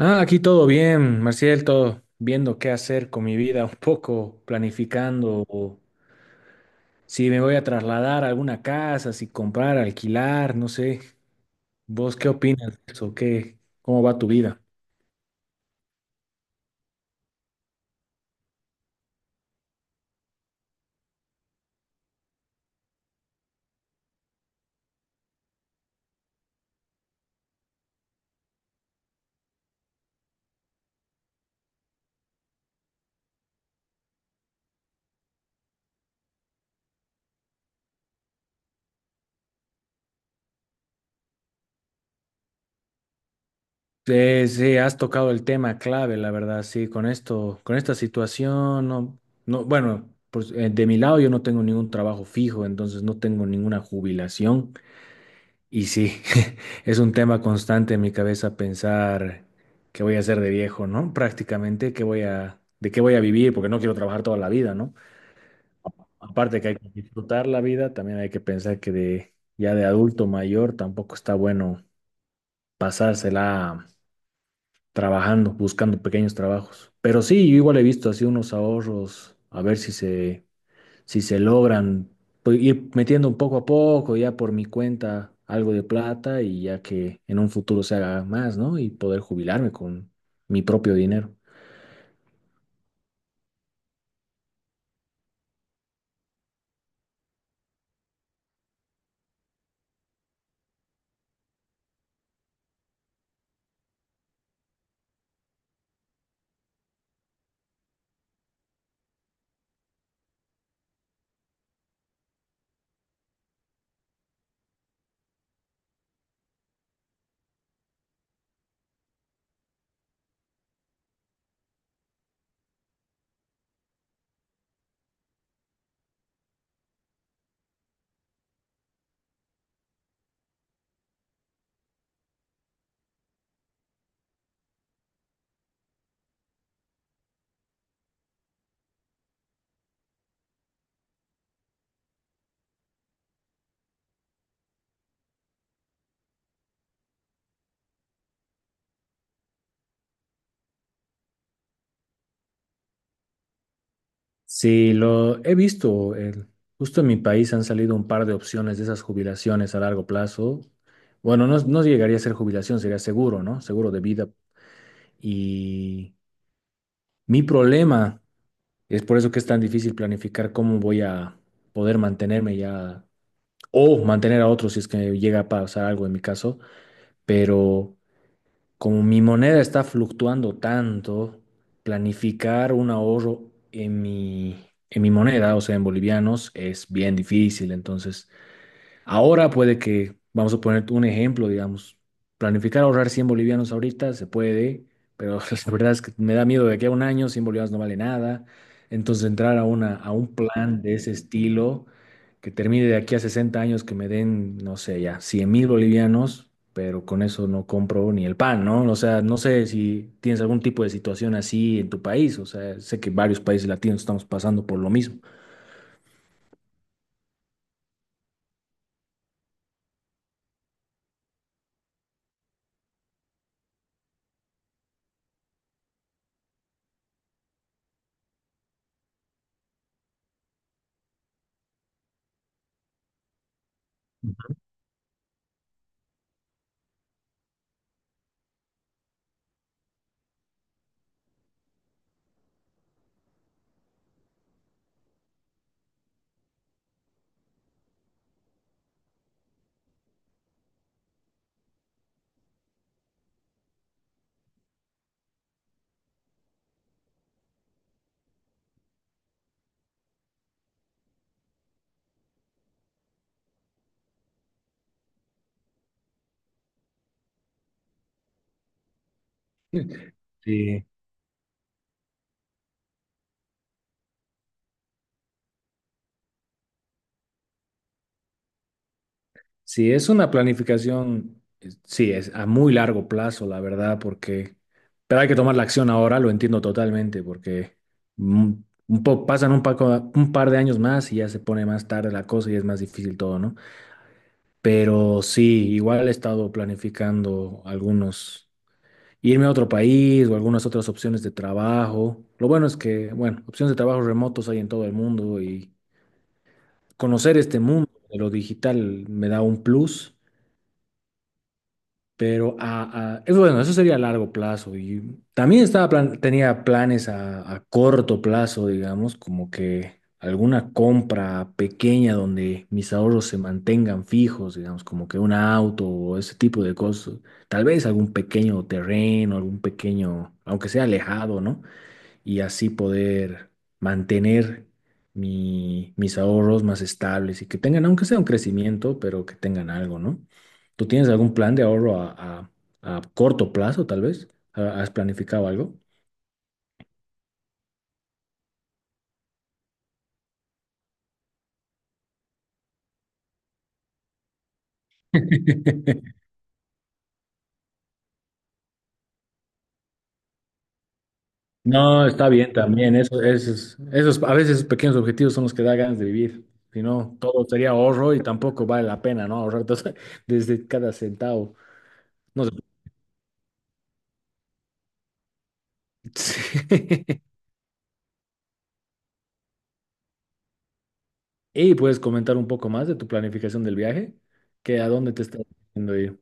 Ah, aquí todo bien, Marcial, todo viendo qué hacer con mi vida, un poco planificando o si me voy a trasladar a alguna casa, si comprar, alquilar, no sé. ¿Vos qué opinas de eso? ¿Qué, cómo va tu vida? Sí, sí, has tocado el tema clave, la verdad, sí, con esto, con esta situación, no, no, bueno, pues, de mi lado yo no tengo ningún trabajo fijo, entonces no tengo ninguna jubilación. Y sí, es un tema constante en mi cabeza pensar qué voy a hacer de viejo, ¿no? Prácticamente, de qué voy a vivir, porque no quiero trabajar toda la vida, ¿no? Aparte que hay que disfrutar la vida, también hay que pensar que de, ya de adulto mayor tampoco está bueno pasársela trabajando, buscando pequeños trabajos. Pero sí, yo igual he visto así unos ahorros, a ver si se logran pues, ir metiendo poco a poco, ya por mi cuenta, algo de plata y ya que en un futuro se haga más, ¿no? Y poder jubilarme con mi propio dinero. Sí, lo he visto. Justo en mi país han salido un par de opciones de esas jubilaciones a largo plazo. Bueno, no, no llegaría a ser jubilación, sería seguro, ¿no? Seguro de vida. Y mi problema es por eso que es tan difícil planificar cómo voy a poder mantenerme ya o mantener a otro si es que llega a pasar algo en mi caso, pero como mi moneda está fluctuando tanto, planificar un ahorro en mi moneda, o sea, en bolivianos, es bien difícil. Entonces, ahora puede que, vamos a poner un ejemplo, digamos, planificar ahorrar 100 bolivianos ahorita se puede, pero la verdad es que me da miedo de que a un año 100 bolivianos no vale nada. Entonces a un plan de ese estilo que termine de aquí a 60 años que me den, no sé, ya 100.000 bolivianos, pero con eso no compro ni el pan, ¿no? O sea, no sé si tienes algún tipo de situación así en tu país, o sea, sé que varios países latinos estamos pasando por lo mismo. Sí, es una planificación, sí, es a muy largo plazo, la verdad, pero hay que tomar la acción ahora, lo entiendo totalmente, porque mm, un par de años más y ya se pone más tarde la cosa y es más difícil todo, ¿no? Pero sí, igual he estado planificando algunos, irme a otro país o algunas otras opciones de trabajo. Lo bueno es que, bueno, opciones de trabajo remotos hay en todo el mundo y conocer este mundo de lo digital me da un plus. Pero es bueno, eso sería a largo plazo. Y también tenía planes a corto plazo, digamos, como que alguna compra pequeña donde mis ahorros se mantengan fijos, digamos, como que un auto o ese tipo de cosas. Tal vez algún pequeño terreno, algún pequeño, aunque sea alejado, ¿no? Y así poder mantener mis ahorros más estables y que tengan, aunque sea un crecimiento, pero que tengan algo, ¿no? ¿Tú tienes algún plan de ahorro a- a corto plazo, tal vez? ¿Has planificado algo? No, está bien también. Esos, a veces pequeños objetivos son los que da ganas de vivir. Si no, todo sería ahorro y tampoco vale la pena, ¿no? Desde cada centavo. No sé. Y puedes comentar un poco más de tu planificación del viaje, que a dónde te estás yendo ir.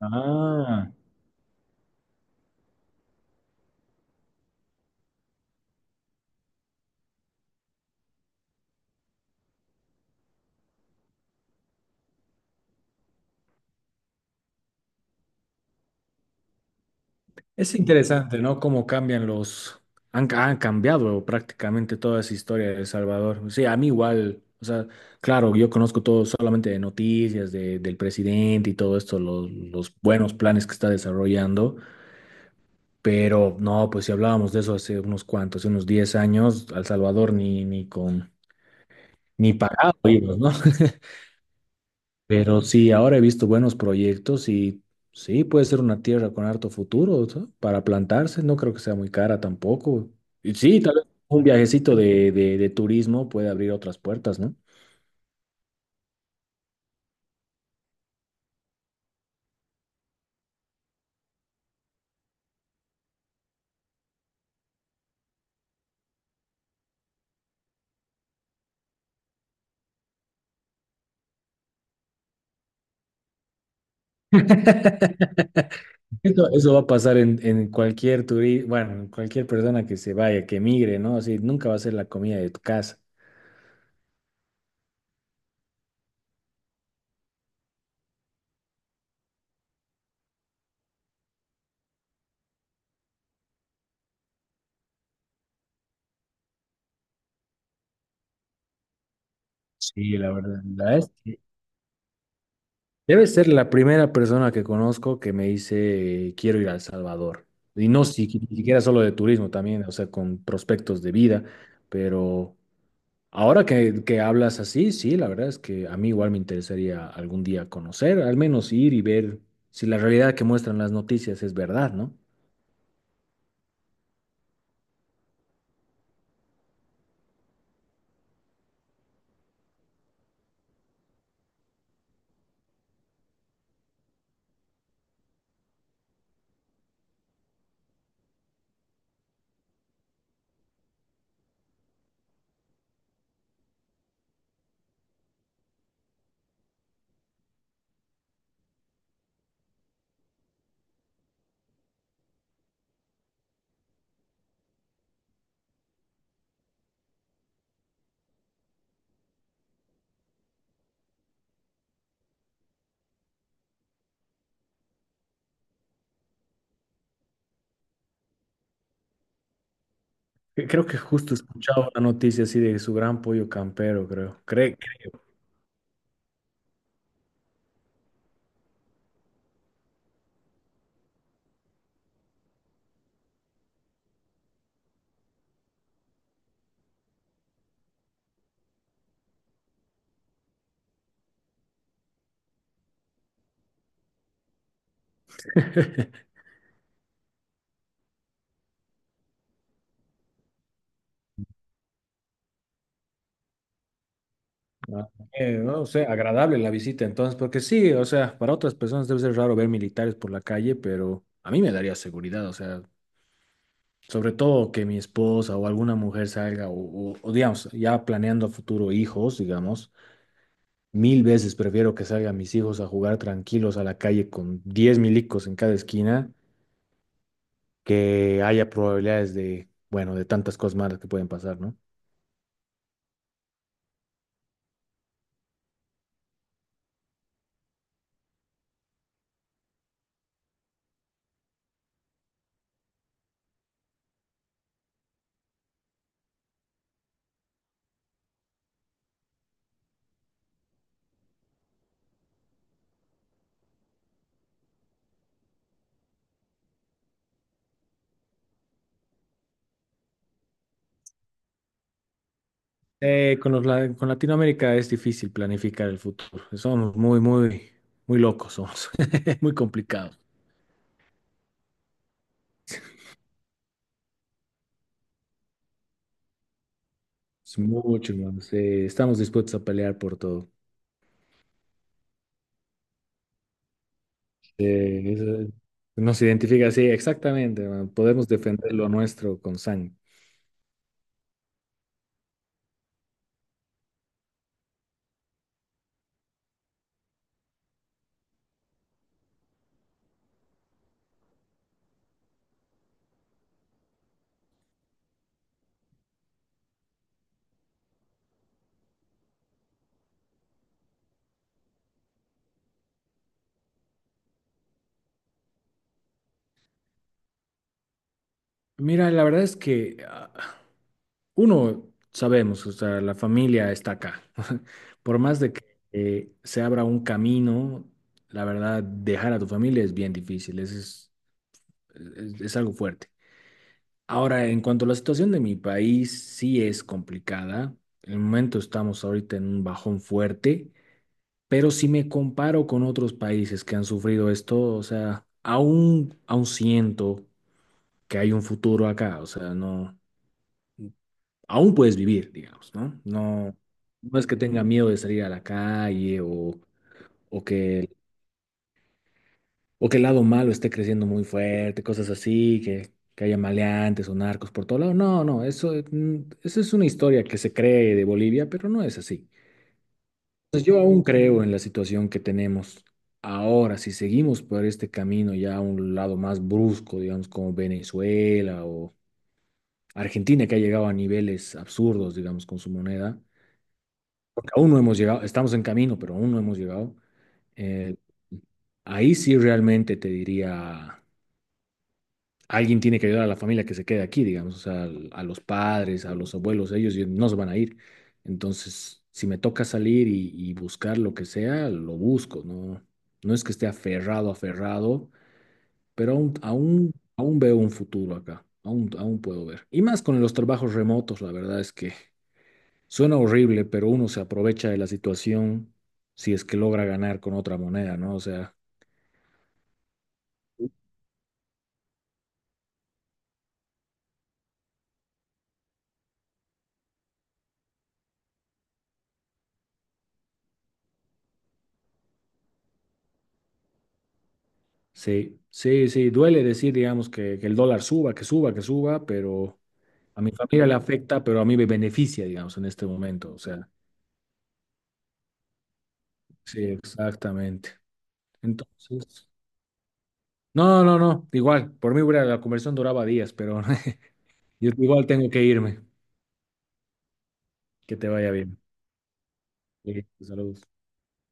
Ah, es interesante, ¿no? Cómo cambian los... han cambiado prácticamente toda esa historia de El Salvador. Sí, a mí igual, o sea, claro, yo conozco todo solamente de noticias, del presidente y todo esto, los buenos planes que está desarrollando, pero no, pues si hablábamos de eso hace unos cuantos, hace unos 10 años, a El Salvador ni con... Ni pagado, íbamos, ¿no? Pero sí, ahora he visto buenos proyectos y sí, puede ser una tierra con harto futuro, ¿no? Para plantarse, no creo que sea muy cara tampoco. Y sí, tal vez un viajecito de turismo puede abrir otras puertas, ¿no? Eso va a pasar en cualquier bueno, en cualquier persona que se vaya, que migre, ¿no? Así, nunca va a ser la comida de tu casa. Sí, la verdad, debe ser la primera persona que conozco que me dice, quiero ir a El Salvador. Y no si, ni siquiera solo de turismo también, o sea, con prospectos de vida. Pero ahora que hablas así, sí, la verdad es que a mí igual me interesaría algún día conocer, al menos ir y ver si la realidad que muestran las noticias es verdad, ¿no? Creo que justo escuchaba una noticia así de su gran pollo campero, creo. Creo. Ah, no sé, agradable la visita entonces, porque sí, o sea, para otras personas debe ser raro ver militares por la calle, pero a mí me daría seguridad, o sea, sobre todo que mi esposa o alguna mujer salga, o digamos, ya planeando a futuro hijos, digamos, mil veces prefiero que salgan mis hijos a jugar tranquilos a la calle con 10 milicos en cada esquina, que haya probabilidades de, bueno, de tantas cosas malas que pueden pasar, ¿no? Con con Latinoamérica es difícil planificar el futuro. Muy locos, somos muy complicados. Es mucho, hermanos. Estamos dispuestos a pelear por todo. Eh, eso- nos identifica, sí, exactamente, hermano. Podemos defender lo nuestro con sangre. Mira, la verdad es que uno sabemos, o sea, la familia está acá. Por más de que se abra un camino, la verdad, dejar a tu familia es bien difícil. Ese es algo fuerte. Ahora, en cuanto a la situación de mi país, sí es complicada. En el momento estamos ahorita en un bajón fuerte, pero si me comparo con otros países que han sufrido esto, o sea, aún siento que hay un futuro acá, o sea, no, aún puedes vivir, digamos, ¿no? No, no es que tenga miedo de salir a la calle o que o que el lado malo esté creciendo muy fuerte, cosas así, que haya maleantes o narcos por todo lado. No, no, eso, eso es una historia que se cree de Bolivia, pero no es así. Entonces yo aún creo en la situación que tenemos ahora. Si seguimos por este camino ya a un lado más brusco, digamos, como Venezuela o Argentina, que ha llegado a niveles absurdos, digamos, con su moneda, porque aún no hemos llegado, estamos en camino, pero aún no hemos llegado. eh, ahí sí realmente te diría alguien tiene que ayudar a la familia que se quede aquí, digamos, o sea, a los padres, a los abuelos, ellos ya no se van a ir. Entonces, si me toca salir y buscar lo que sea, lo busco, ¿no? No es que esté aferrado, pero aún veo un futuro acá, aún puedo ver. Y más con los trabajos remotos, la verdad es que suena horrible, pero uno se aprovecha de la situación si es que logra ganar con otra moneda, ¿no? O sea... Sí, sí, sí, duele decir, digamos, que el dólar suba, que suba, que suba, pero a mi familia le afecta, pero a mí me beneficia, digamos, en este momento. O sea, sí, exactamente. Entonces, no, no, no, igual, la conversión duraba días, pero yo igual tengo que irme. Que te vaya bien. Sí, saludos.